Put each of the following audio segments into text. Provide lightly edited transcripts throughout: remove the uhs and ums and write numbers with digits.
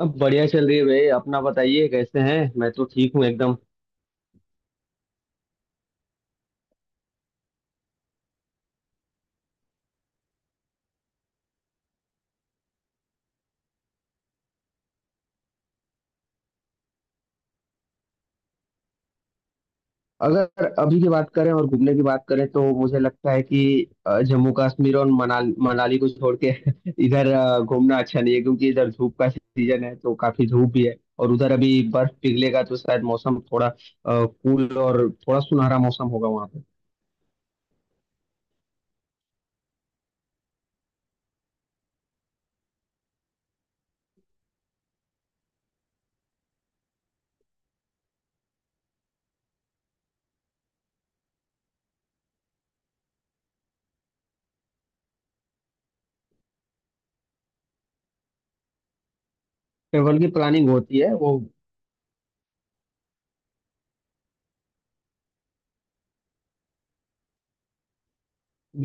अब बढ़िया चल रही है भाई। अपना बताइए कैसे हैं। मैं तो ठीक हूँ एकदम। अगर अभी की बात करें और घूमने की बात करें तो मुझे लगता है कि जम्मू कश्मीर और मनाली मनाली को छोड़ के इधर घूमना अच्छा नहीं है क्योंकि इधर धूप का सीजन है तो काफी धूप भी है और उधर अभी बर्फ पिघलेगा तो शायद मौसम थोड़ा कूल और थोड़ा सुनहरा मौसम होगा वहाँ पे। ट्रेवल की प्लानिंग होती है वो।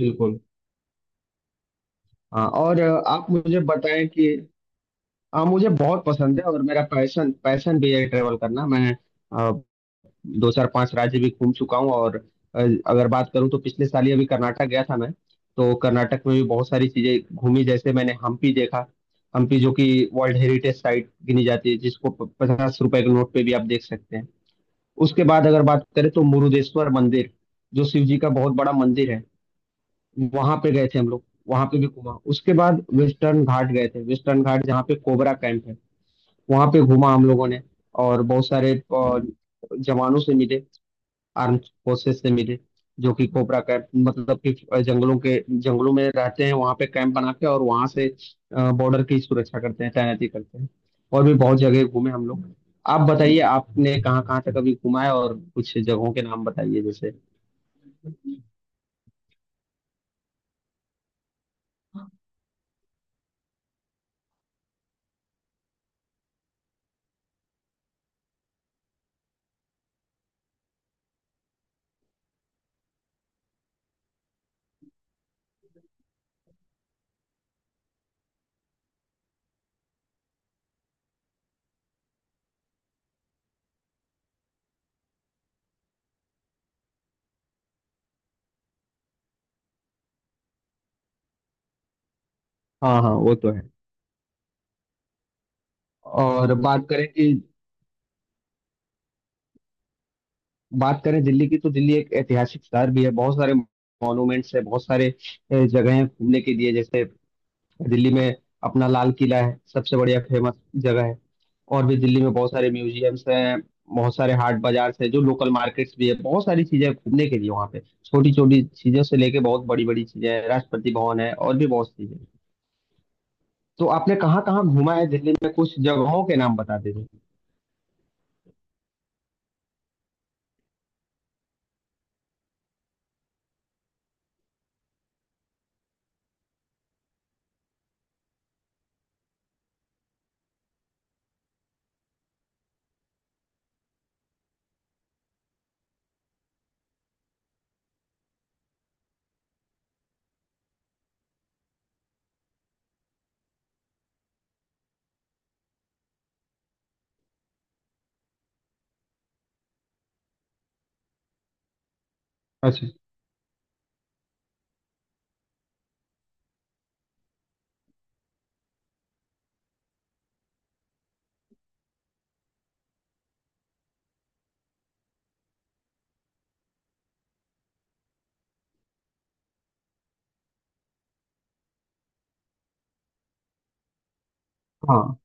बिल्कुल। हाँ, और आप मुझे बताएं कि। हाँ, मुझे बहुत पसंद है और मेरा पैशन पैशन भी है ट्रेवल करना। मैं दो चार पांच राज्य भी घूम चुका हूँ और अ, अगर बात करूँ तो पिछले साल ही अभी कर्नाटक गया था मैं। तो कर्नाटक में भी बहुत सारी चीजें घूमी, जैसे मैंने हम्पी देखा। हम्पी जो कि वर्ल्ड हेरिटेज साइट गिनी जाती है, जिसको 50 रुपए के नोट पे भी आप देख सकते हैं। उसके बाद अगर बात करें तो मुरुदेश्वर मंदिर, जो शिव जी का बहुत बड़ा मंदिर है, वहां पे गए थे हम लोग। वहां पे भी घूमा। उसके बाद वेस्टर्न घाट गए थे। वेस्टर्न घाट जहाँ पे कोबरा कैंप है, वहां पे घूमा हम लोगों ने, और बहुत सारे जवानों से मिले, आर्म्ड फोर्सेस से मिले, जो कि कोबरा कैंप मतलब कि जंगलों के जंगलों में रहते हैं, वहां पे कैंप बना के, और वहां से बॉर्डर की सुरक्षा करते हैं, तैनाती करते हैं। और भी बहुत जगह घूमे हम लोग। आप बताइए आपने कहाँ कहाँ तक अभी घूमा है, और कुछ जगहों के नाम बताइए जैसे। हाँ हाँ, वो तो है। और बात करें दिल्ली की, तो दिल्ली एक ऐतिहासिक शहर भी है, बहुत सारे मॉन्यूमेंट्स है, बहुत सारे जगह हैं घूमने के लिए। जैसे दिल्ली में अपना लाल किला है, सबसे बढ़िया फेमस जगह है। और भी दिल्ली में बहुत सारे म्यूजियम्स हैं, बहुत सारे हाट बाजार हैं जो लोकल मार्केट्स भी है, बहुत सारी चीजें हैं घूमने के लिए वहाँ पे। छोटी छोटी चीजों से लेके बहुत बड़ी बड़ी चीजें हैं, राष्ट्रपति भवन है और भी बहुत चीजें हैं। तो आपने कहाँ कहाँ घूमा है दिल्ली में, कुछ जगहों के नाम बता दीजिए। अच्छा। हाँ।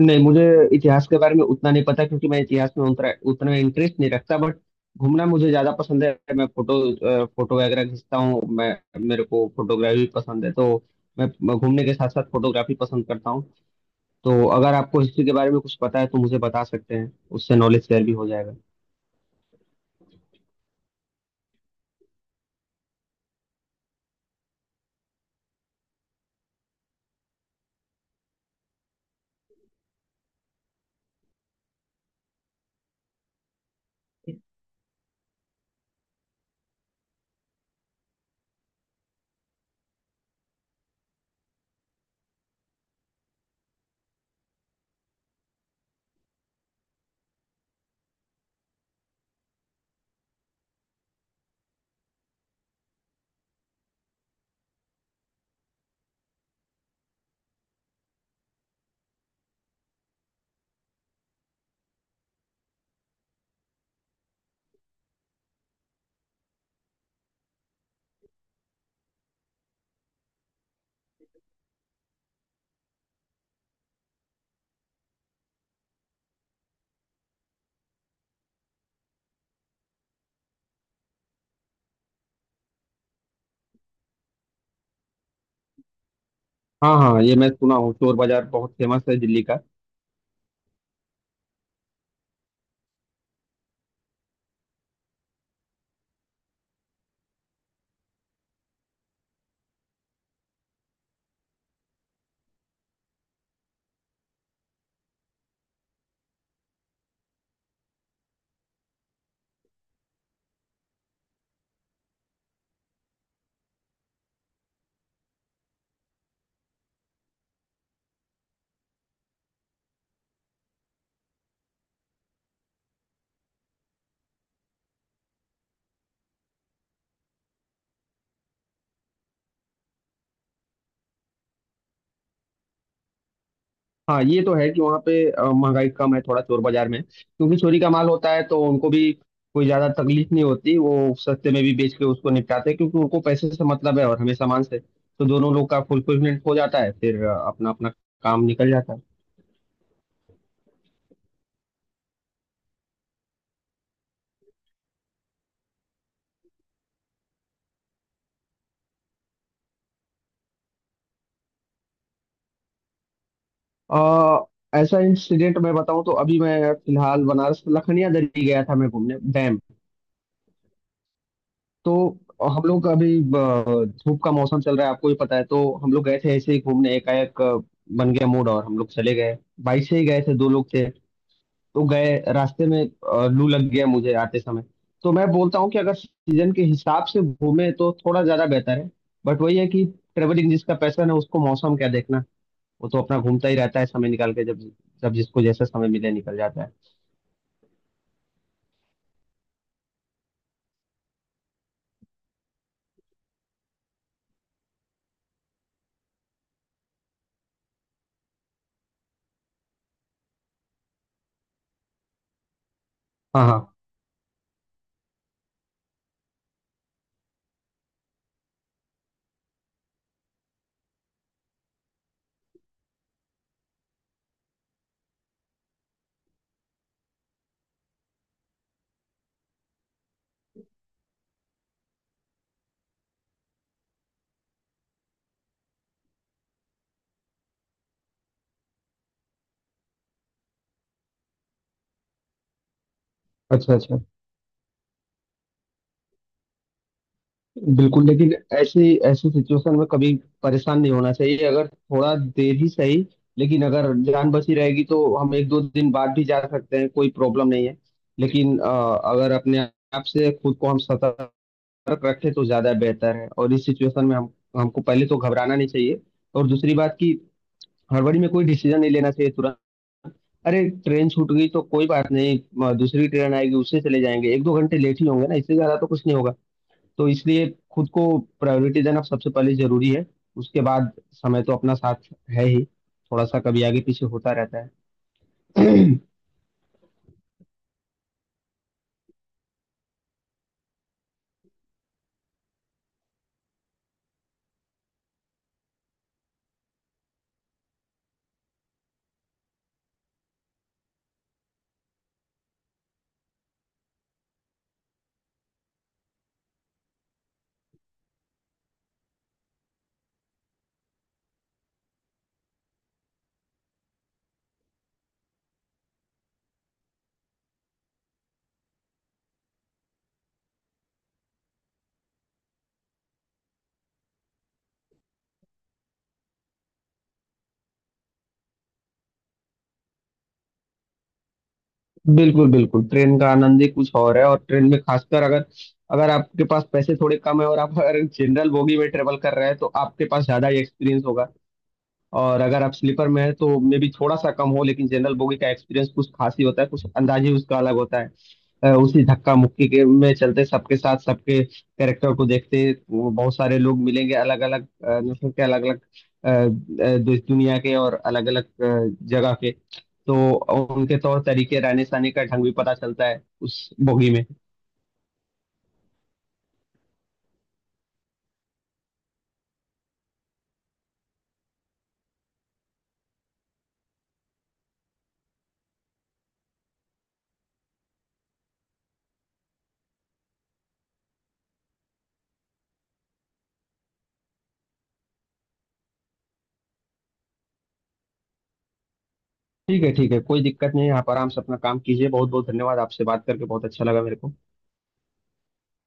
नहीं, मुझे इतिहास के बारे में उतना नहीं पता, क्योंकि मैं इतिहास में उतना उतना इंटरेस्ट नहीं रखता, बट घूमना मुझे ज्यादा पसंद है। मैं फोटो वगैरह खींचता हूँ। मैं, मेरे को फोटोग्राफी पसंद है, तो मैं घूमने के साथ साथ फोटोग्राफी पसंद करता हूँ। तो अगर आपको हिस्ट्री के बारे में कुछ पता है तो मुझे बता सकते हैं, उससे नॉलेज शेयर भी हो जाएगा। हाँ हाँ, ये मैं सुना हूँ, चोर बाजार बहुत फेमस है दिल्ली का। हाँ ये तो है कि वहाँ पे महंगाई कम है थोड़ा चोर बाजार में, क्योंकि चोरी का माल होता है तो उनको भी कोई ज्यादा तकलीफ नहीं होती, वो सस्ते में भी बेच के उसको निपटाते हैं क्योंकि उनको पैसे से मतलब है और हमें सामान से, तो दोनों लोग का फुलफिलमेंट हो जाता है, फिर अपना अपना काम निकल जाता है। अ, ऐसा इंसिडेंट मैं बताऊँ, तो अभी मैं फिलहाल बनारस लखनिया दरी गया था, मैं घूमने डैम। तो हम लोग का अभी धूप का मौसम चल रहा है, आपको भी पता है, तो हम लोग गए थे ऐसे ही घूमने, एकाएक बन गया मूड और हम लोग चले गए। बाइक से ही गए थे, दो लोग थे। तो गए, रास्ते में लू लग गया मुझे आते समय। तो मैं बोलता हूँ कि अगर सीजन के हिसाब से घूमे तो थोड़ा ज्यादा बेहतर है, बट वही है कि ट्रेवलिंग जिसका पैशन है उसको मौसम क्या देखना, वो तो अपना घूमता ही रहता है समय निकाल के, जब जब जिसको जैसा समय मिले निकल जाता है। हाँ हाँ। अच्छा अच्छा। बिल्कुल, लेकिन ऐसी ऐसी सिचुएशन में कभी परेशान नहीं होना चाहिए, अगर थोड़ा देर ही सही, लेकिन अगर जान बची रहेगी तो हम एक दो दिन बाद भी जा सकते हैं, कोई प्रॉब्लम नहीं है। लेकिन अगर अपने आप से खुद को हम सतर्क रखें तो ज्यादा बेहतर है, और इस सिचुएशन में हम हमको पहले तो घबराना नहीं चाहिए, और दूसरी बात कि हड़बड़ी में कोई डिसीजन नहीं लेना चाहिए तुरंत। अरे, ट्रेन छूट गई तो कोई बात नहीं, दूसरी ट्रेन आएगी उससे चले जाएंगे, एक दो घंटे लेट ही होंगे ना, इससे ज्यादा तो कुछ नहीं होगा। तो इसलिए खुद को प्रायोरिटी देना सबसे पहले जरूरी है, उसके बाद समय तो अपना साथ है ही, थोड़ा सा कभी आगे पीछे होता रहता है। बिल्कुल बिल्कुल, ट्रेन का आनंद ही कुछ और है। और ट्रेन में खासकर अगर अगर आपके पास पैसे थोड़े कम है और आप अगर जनरल बोगी में ट्रेवल कर रहे हैं तो आपके पास ज्यादा ही एक्सपीरियंस होगा, और अगर आप स्लीपर में है तो मे बी थोड़ा सा कम हो, लेकिन जनरल बोगी का एक्सपीरियंस कुछ खास ही होता है, कुछ अंदाज ही उसका अलग होता है। उसी धक्का मुक्की के में चलते सबके साथ, सबके कैरेक्टर को देखते, वो बहुत सारे लोग मिलेंगे, अलग अलग नस्ल के, अलग अलग दुनिया के और अलग अलग जगह के, तो उनके तौर तरीके रहने सहने का ढंग भी पता चलता है उस बोगी में। ठीक है ठीक है, कोई दिक्कत नहीं है, आप आराम से अपना काम कीजिए। बहुत बहुत धन्यवाद, आपसे बात करके बहुत अच्छा लगा मेरे को।